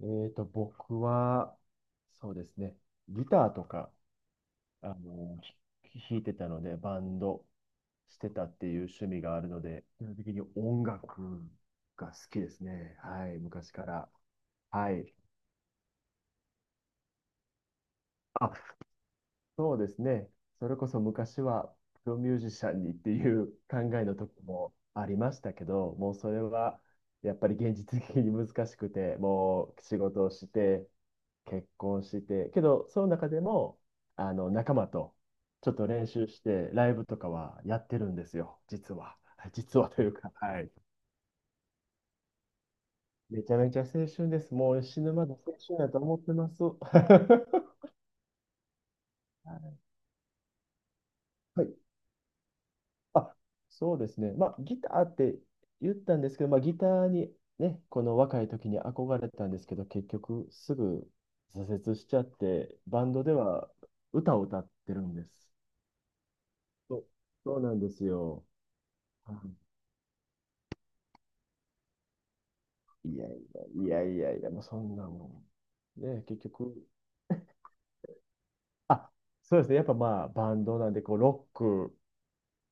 え僕は、そうですね、ギターとか、あの、弾いてたので、バンドしてたっていう趣味があるので、基本的に音楽が好きですね。はい、昔から。はい。あ、そうですね。それこそ昔はプロミュージシャンにっていう考えの時もありましたけど、もうそれはやっぱり現実的に難しくて、もう仕事をして、結婚して、けどその中でもあの仲間とちょっと練習してライブとかはやってるんですよ、実は。実はというか、はい。めちゃめちゃ青春です。もう死ぬまで青春だと思ってます。はい。あ、そうですね。まあ、ギターって言ったんですけど、まあ、ギターにね、この若い時に憧れたんですけど、結局すぐ挫折しちゃって、バンドでは歌を歌ってるんです。そう、そうなんですよ。はい、いやいやいやいやいや、もうそんなもん。ね、結局、あ、そうですね。やっぱまあ、バンドなんで、こう、ロック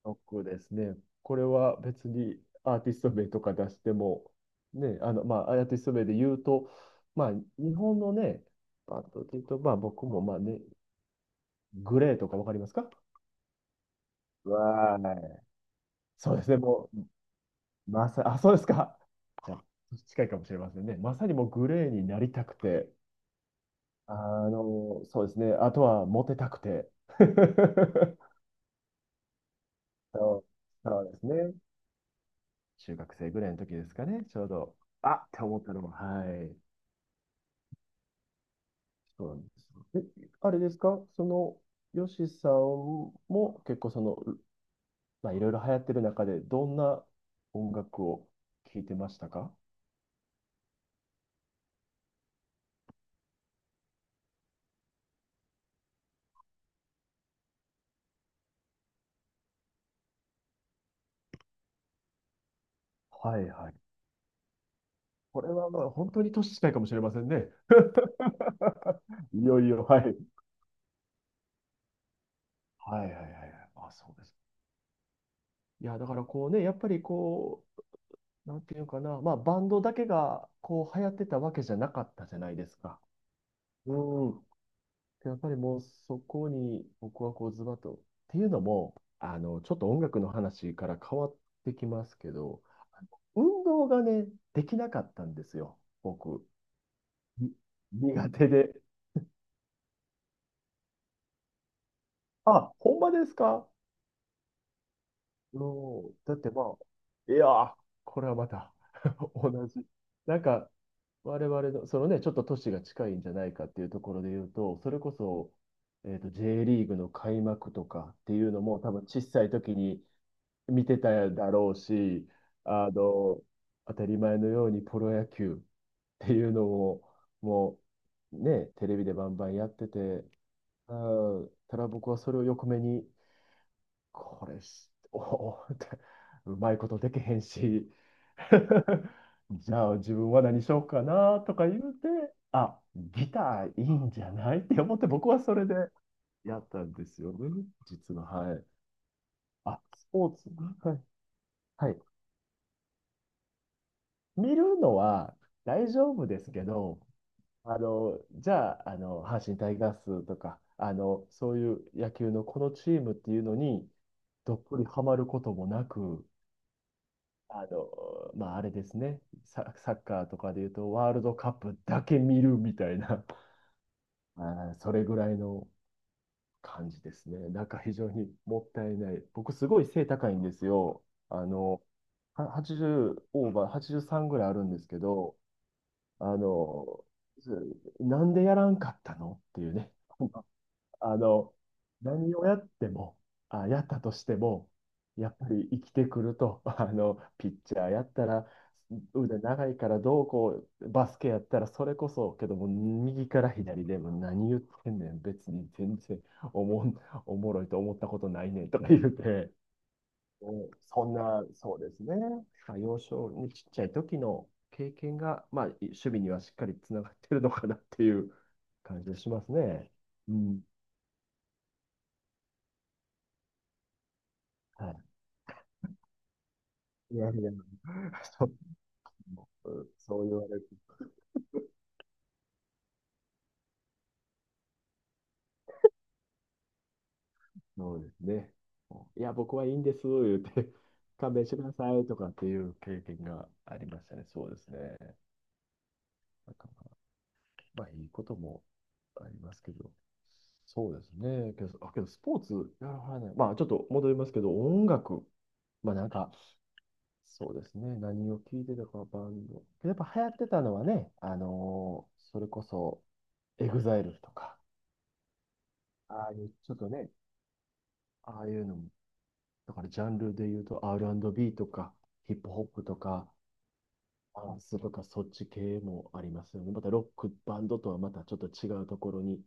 ロックですね。これは別にアーティスト名とか出しても、ね、まあ、アーティスト名で言うと、まあ、日本のね、バンドで言うと、まあ、僕も、まあね、グレーとかわかりますか？わーい。そうですね、もう、そうですか。じゃあ近いかもしれませんね。まさにもうグレーになりたくて、あそうですね、あとはモテたくて。そう、そうですね。中学生ぐらいの時ですかね、ちょうど、あって思ったのも、はい。そうなんですよ。あれですか、ヨシさんも結構まあ、いろいろ流行ってる中で、どんな音楽を聴いてましたか？はいはい。これはまあ本当に年近いかもしれませんね。いよいよ、はい。はいはいはいはい。あ、そうです。いや、だからこうね、やっぱりこう、なんていうかな、まあ、バンドだけがこう流行ってたわけじゃなかったじゃないですか。うん。やっぱりもうそこに僕はこうズバッと。っていうのも、ちょっと音楽の話から変わってきますけど、運動がね、できなかったんですよ、僕。に苦手で。あ、ほんまですか？うん。だってまあ、いやー、これはまた 同じ。なんか、我々の、そのね、ちょっと都市が近いんじゃないかっていうところで言うと、それこそ、J リーグの開幕とかっていうのも、多分小さい時に、見てただろうし、あの、当たり前のようにプロ野球 っていうのも、もうね、テレビでバンバンやってて、うん、ただ僕はそれを横目に、これし、おおって、うまいことできへんし、じゃあ自分は何しようかなとか言うて、あ、ギターいいんじゃないって思って僕はそれでやったんですよね、実は。はい。あ、スポーツ。はい。はい、見るのは大丈夫ですけど、じゃあ、阪神タイガースとか、そういう野球のこのチームっていうのに、どっぷりハマることもなく、まあ、あれですね、サッカーとかでいうと、ワールドカップだけ見るみたいな、あー、それぐらいの感じですね。なんか非常にもったいない。僕、すごい背高いんですよ。あの、は80オーバー、83ぐらいあるんですけど、あの、なんでやらんかったのっていうね。あの、何をやっても、あ、やったとしても、やっぱり生きてくると、ピッチャーやったら、腕長いからどうこう、バスケやったらそれこそ、けども、右から左でも何言ってんねん、別に全然おもん、おもろいと思ったことないねんとか言うて、うん、そんな、そうですね。まあ、幼少にちっちゃい時の経験が、まあ、守趣味にはしっかりつながってるのかなっていう感じがしますね。うん。はい。いやいや、そう、うん、そう言われる。そうですね。いや、僕はいいんです、言うて、勘弁してくださいとかっていう経験がありましたね。そうですね。なんかまあ、いいこともありますけど。そうですね。けどスポーツやらはらない。まあ、ちょっと戻りますけど、音楽。まあ、なんか、そうですね。何を聞いてたか、バンド。やっぱ流行ってたのはね、それこそ、エグザイルとか、ああいう、ちょっとね、ああいうのも、だからジャンルで言うと R&B とか、ヒップホップとか、ダンスとか、そっち系もありますよね。またロックバンドとはまたちょっと違うところに。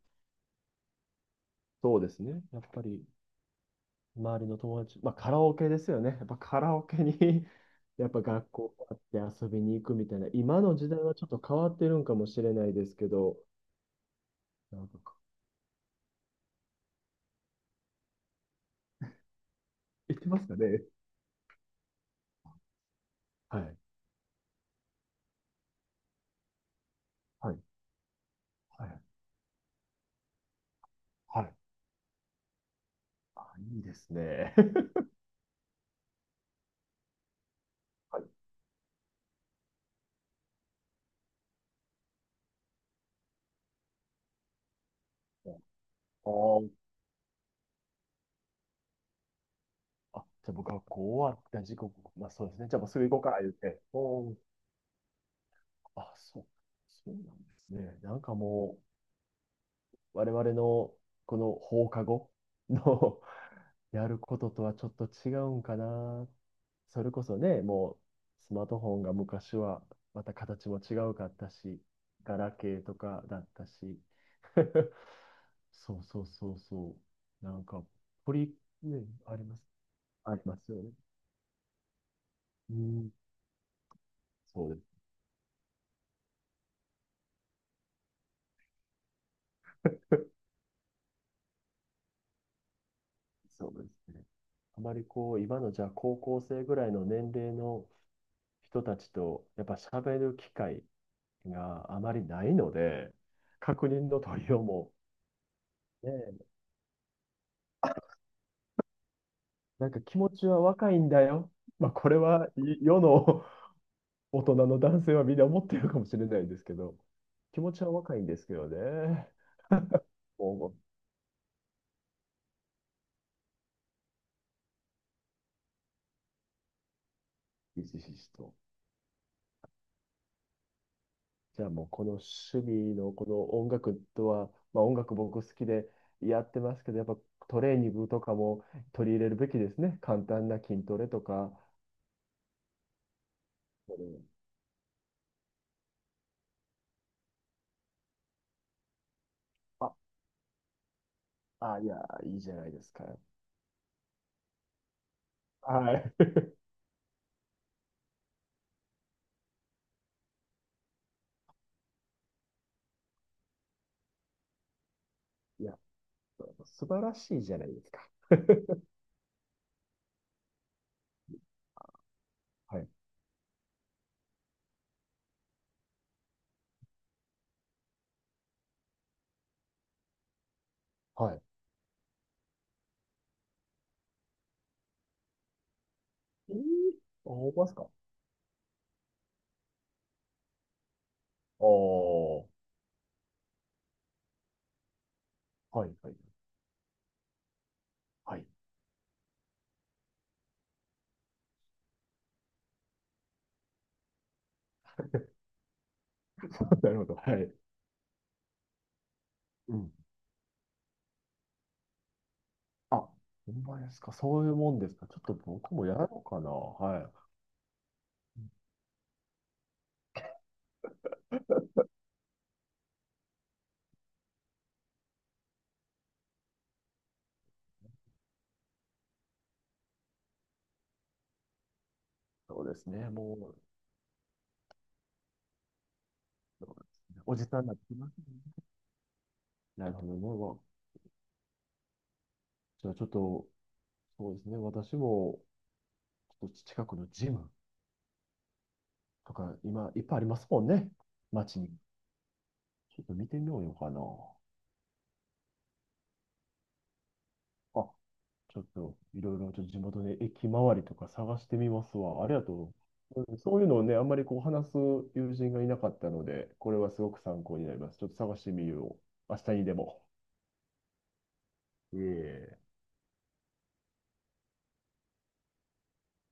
そうですね。やっぱり周りの友達、まあカラオケですよね。やっぱカラオケに やっぱ学校があって遊びに行くみたいな、今の時代はちょっと変わってるんかもしれないですけど、なんか行ってますかね。はい。はい。はい。はい。あ、いいですね。はい。おー、じゃあ僕はこう終わった時刻、まあそうですね。じゃあもうすぐ行こうか、言って。おー、そう。そうなんですね。なんかもう、我々のこの放課後の やることとはちょっと違うんかな。それこそね、もうスマートフォンが昔はまた形も違うかったし、ガラケーとかだったし。そうそうそうそう。なんか、ポリ、ね、あります。ありますよね。うん、そうです。そうですね。あまりこう、今のじゃあ高校生ぐらいの年齢の人たちと、やっぱ喋る機会があまりないので、確認の取りようもね、なんか気持ちは若いんだよ。まあ、これは世世の 大人の男性はみんな思ってるかもしれないですけど、気持ちは若いんですけどね。もう、ひしひしと。じゃあもうこの趣味のこの音楽とは、まあ音楽僕好きでやってますけど、やっぱトレーニングとかも取り入れるべきですね。簡単な筋トレとか。うん、あ、いや、いいじゃないですか。はい。いや、素晴らしいじゃないですか。はい。はい。えー、あ、思いますか？ああ、はいはい。はい。なるほど。はい。うん。あ、ほんまですか。そういうもんですか。ちょっと僕もやろうかな。はい。そうですね。もう、そうですね、おじさんになってきますね。なるほどね。じゃあちょっと、そうですね。私も、ちょっと近くのジムとか、今、いっぱいありますもんね。街に。ちょっと見てみようかな。あ、ちょっといろいろちょっと地元で駅周りとか探してみますわ。ありがとう。うん、そういうのをね、あんまりこう話す友人がいなかったので、これはすごく参考になります。ちょっと探してみよう。明日にでも。いえいえ